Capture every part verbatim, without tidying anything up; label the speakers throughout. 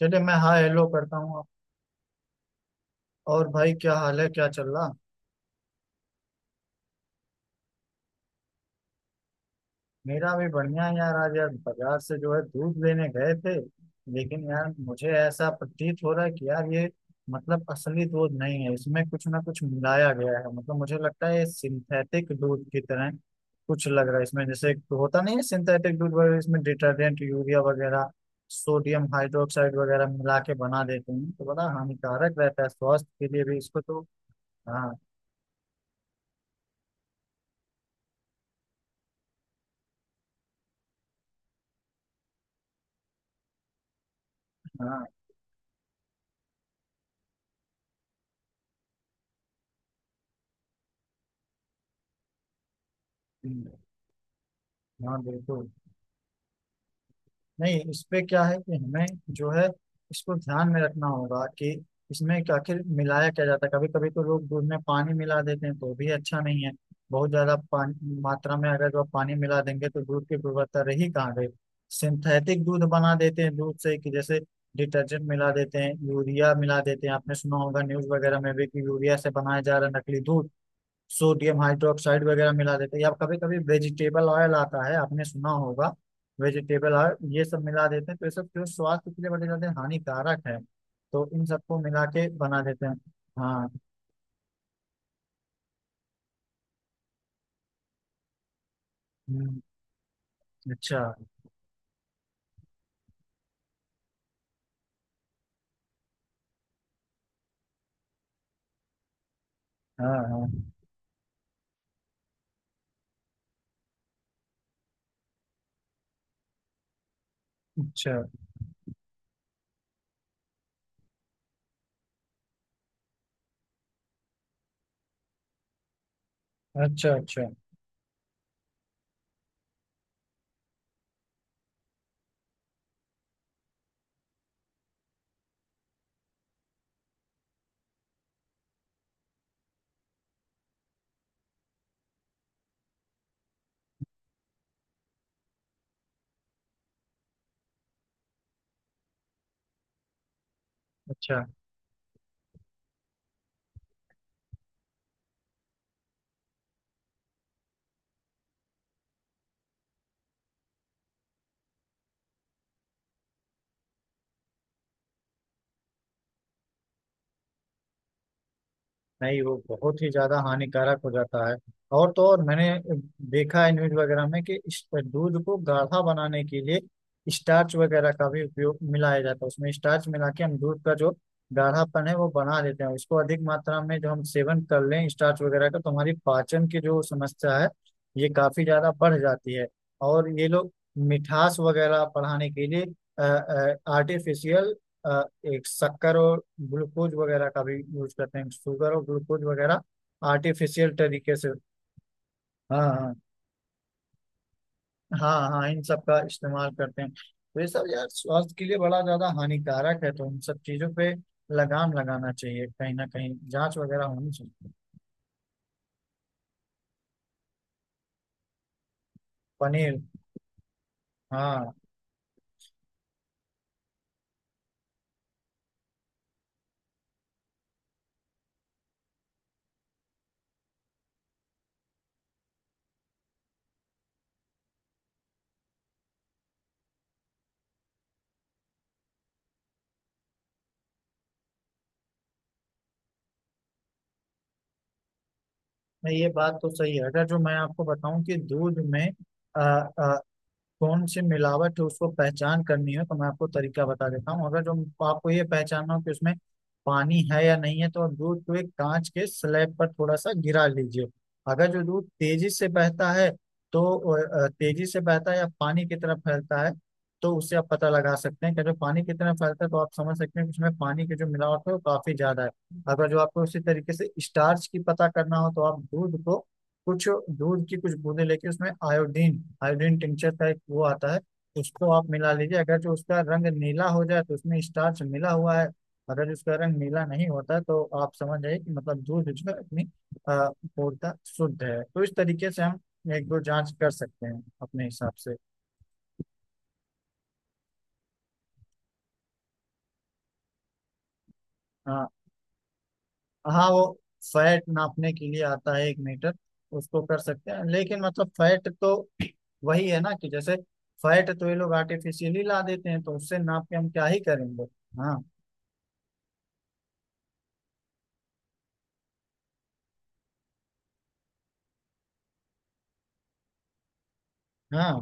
Speaker 1: चलिए मैं हाँ हेलो करता हूँ। और भाई क्या हाल है, क्या चल रहा। मेरा भी बढ़िया है यार। आज यार बाजार से जो है दूध लेने गए थे, लेकिन यार मुझे ऐसा प्रतीत हो रहा है कि यार ये मतलब असली दूध नहीं है। इसमें कुछ ना कुछ मिलाया गया है। मतलब मुझे लगता है ये सिंथेटिक दूध की तरह कुछ लग रहा है इसमें। जैसे एक होता नहीं है सिंथेटिक दूध वगैरह, इसमें डिटर्जेंट यूरिया वगैरह सोडियम हाइड्रोक्साइड वगैरह मिला के बना देते हैं, तो बड़ा हानिकारक रहता है स्वास्थ्य के लिए भी इसको तो। हाँ हाँ। हाँ बिल्कुल। नहीं, इस पे क्या है कि हमें जो है इसको ध्यान में रखना होगा कि इसमें क्या- आखिर मिलाया क्या जाता है। कभी कभी तो लोग दूध में पानी मिला देते हैं तो भी अच्छा नहीं है। बहुत ज्यादा पानी मात्रा में अगर जो आप पानी मिला देंगे तो दूध की गुणवत्ता रही कहाँ गई। सिंथेटिक दूध बना देते हैं दूध से, कि जैसे डिटर्जेंट मिला देते हैं, यूरिया मिला देते हैं। आपने सुना होगा न्यूज वगैरह में भी कि यूरिया से बनाया जा रहा है नकली दूध। सोडियम हाइड्रोक्साइड वगैरह मिला देते हैं, या कभी कभी वेजिटेबल ऑयल आता है, आपने सुना होगा वेजिटेबल ऑयल, ये सब मिला देते हैं। तो ये सब जो स्वास्थ्य के लिए बड़े ज्यादा हानिकारक है, तो इन सबको मिला के बना देते हैं। हाँ। हम्म। अच्छा। हाँ हाँ। अच्छा अच्छा। अच्छा अच्छा। नहीं, वो बहुत ही ज्यादा हानिकारक हो जाता है। और तो और मैंने देखा है न्यूज वगैरह में कि इस दूध को गाढ़ा बनाने के लिए स्टार्च वगैरह का भी उपयोग मिलाया जाता है उसमें। स्टार्च मिला के हम दूध का जो गाढ़ापन है वो बना देते हैं। उसको अधिक मात्रा में जो हम सेवन कर लें स्टार्च वगैरह का तो हमारी पाचन की जो समस्या है ये काफी ज्यादा बढ़ जाती है। और ये लोग मिठास वगैरह बढ़ाने के लिए आर्टिफिशियल अ, एक शक्कर और ग्लूकोज वगैरह का भी यूज करते हैं, शुगर और ग्लूकोज वगैरह आर्टिफिशियल तरीके से। हाँ हाँ। हाँ हाँ, इन सब का इस्तेमाल करते हैं। तो ये सब यार स्वास्थ्य के लिए बड़ा ज्यादा हानिकारक है, तो इन सब चीजों पे लगाम लगाना चाहिए, कहीं ना कहीं जांच वगैरह होनी चाहिए। पनीर। हाँ। नहीं, ये बात तो सही है। अगर जो मैं आपको बताऊं कि दूध में कौन सी मिलावट है उसको पहचान करनी है, तो मैं आपको तरीका बता देता हूँ। अगर जो आपको ये पहचानना हो कि उसमें पानी है या नहीं है तो आप दूध को एक कांच के स्लैब पर थोड़ा सा गिरा लीजिए। अगर जो दूध तेजी से बहता है तो अ, तेजी से बहता है या पानी की तरफ फैलता है, तो उससे आप पता लगा सकते हैं कि जो पानी की तरफ फैलता है तो आप समझ सकते हैं कि उसमें पानी की जो मिलावट है वो काफी ज्यादा है। अगर जो आपको उसी तरीके से स्टार्च की पता करना हो तो आप दूध को कुछ, दूध की कुछ बूंदे लेके उसमें आयोडीन, आयोडीन टिंचर का एक वो आता है उसको आप मिला लीजिए। अगर जो उसका रंग नीला हो जाए तो उसमें स्टार्च मिला हुआ है। अगर उसका रंग नीला नहीं होता तो आप समझ जाइए कि मतलब दूध जो है अपनी अ, पूर्णतः शुद्ध है। तो इस तरीके से हम एक दो जांच कर सकते हैं अपने हिसाब से। आ, हाँ, वो फैट नापने के लिए आता है एक मीटर। उसको कर सकते हैं, लेकिन मतलब फैट तो वही है ना कि जैसे फैट तो ये लोग आर्टिफिशियली ला देते हैं, तो उससे नाप के हम क्या ही करेंगे। हाँ। हाँ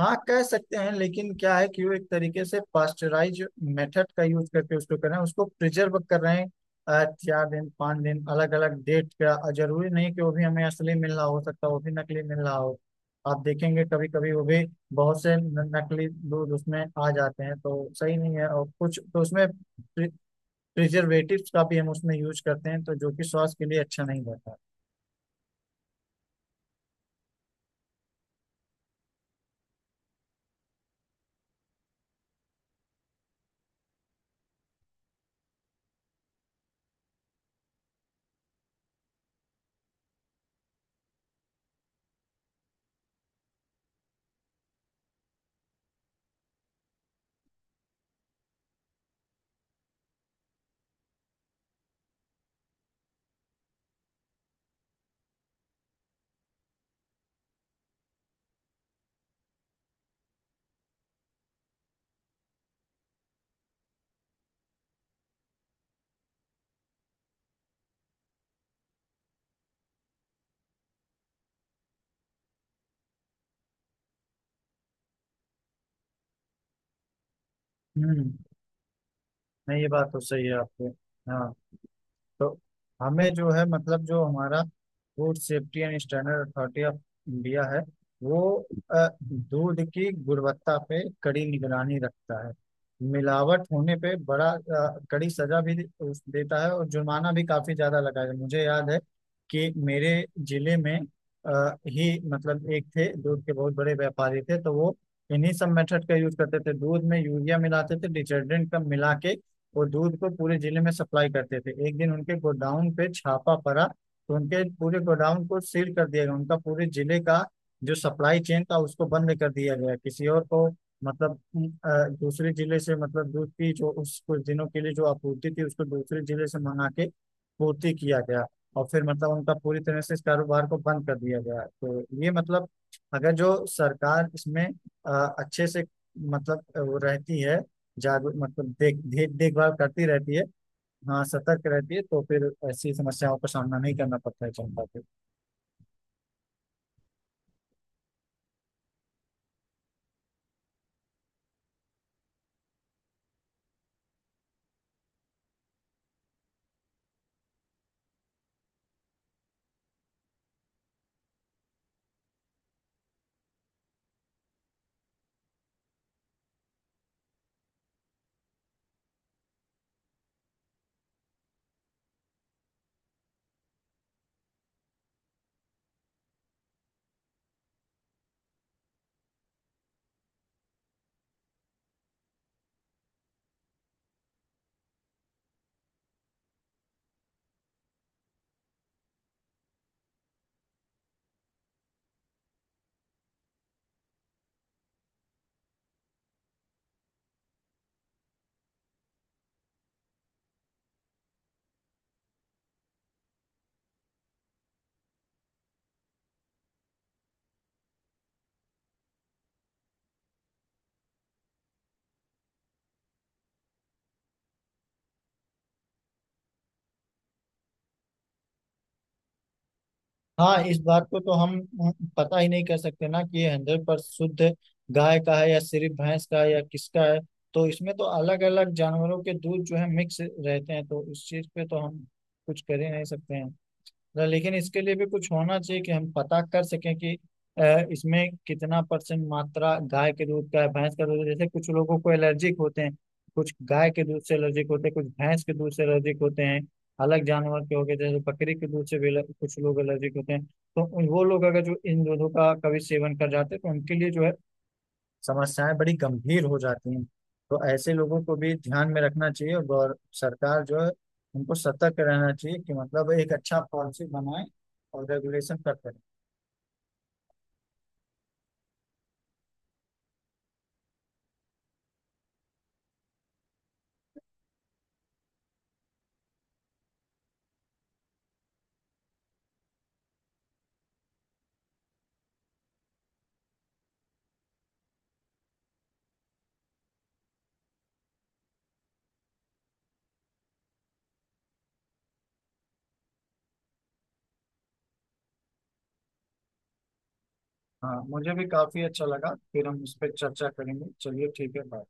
Speaker 1: हाँ कह सकते हैं, लेकिन क्या है कि वो एक तरीके से पास्चराइज मेथड का यूज करके उसको कर रहे हैं, उसको प्रिजर्व कर रहे हैं अ, चार दिन पाँच दिन अलग अलग डेट का। और जरूरी नहीं कि वो भी हमें असली मिल रहा हो, सकता है वो भी नकली मिल रहा हो। आप देखेंगे कभी कभी वो भी बहुत से न- नकली दूध उसमें आ जाते हैं, तो सही नहीं है। और कुछ तो उसमें प्रिजर्वेटिव्स का भी हम उसमें यूज करते हैं, तो जो कि स्वास्थ्य के लिए अच्छा नहीं रहता। हम्म। नहीं, ये बात तो सही है आपके। हाँ। तो हमें जो है मतलब जो हमारा food safety and standard authority of India है, वो अ, दूध की गुणवत्ता पे कड़ी निगरानी रखता है। मिलावट होने पे बड़ा अ, कड़ी सजा भी दे- उस- देता है, और जुर्माना भी काफी ज्यादा लगाया है। मुझे याद है कि मेरे जिले में अ, ही मतलब एक थे, दूध के बहुत बड़े व्यापारी थे, तो वो इन्हीं सब मेथड का यूज करते थे, दूध में यूरिया मिलाते थे, डिटर्जेंट का मिला के वो दूध को पूरे जिले में सप्लाई करते थे। एक दिन उनके गोडाउन पे छापा पड़ा तो उनके पूरे गोडाउन को सील कर दिया गया, उनका पूरे जिले का जो सप्लाई चेन था उसको बंद कर दिया गया। किसी और को मतलब अ, दूसरे जिले से, मतलब दूध की जो उस कुछ दिनों के लिए जो आपूर्ति थी उसको दूसरे जिले से मंगा के पूर्ति किया गया। और फिर मतलब उनका पूरी तरह से इस कारोबार को बंद कर दिया गया। तो ये मतलब अगर जो सरकार इसमें अ, अच्छे से मतलब अ, वो रहती है जागरूक, मतलब देख देख देखभाल करती रहती है। हाँ, सतर्क रहती है तो फिर ऐसी समस्याओं का सामना नहीं करना पड़ता है जनता को। हाँ, इस बात को तो हम हम पता ही नहीं कर सकते ना कि ये हंड्रेड पर शुद्ध गाय का है या सिर्फ भैंस का है या किसका है। तो इसमें तो अलग अलग जानवरों के दूध जो है मिक्स रहते हैं, तो इस चीज पे तो हम कुछ कर ही नहीं सकते हैं ना। लेकिन इसके लिए भी कुछ होना चाहिए कि हम पता कर सकें कि अ, इसमें कितना परसेंट मात्रा गाय के दूध का है, भैंस का दूध है। जैसे कुछ लोगों को एलर्जिक होते हैं, कुछ गाय के दूध से एलर्जिक होते हैं, कुछ भैंस के दूध से एलर्जिक होते हैं। अलग जानवर के हो गए जैसे बकरी के दूध से भी एलर- कुछ लोग एलर्जिक होते हैं, तो उन- वो लोग अगर जो इन दूधों का कभी सेवन कर जाते हैं तो उनके लिए जो है समस्याएं बड़ी गंभीर हो जाती हैं। तो ऐसे लोगों को भी ध्यान में रखना चाहिए, और गौर- सरकार जो है उनको सतर्क रहना चाहिए कि मतलब एक अच्छा पॉलिसी बनाए और रेगुलेशन करते रहे। हाँ, मुझे भी काफी अच्छा लगा, फिर हम इस पर चर्चा करेंगे। चलिए ठीक है, बाय।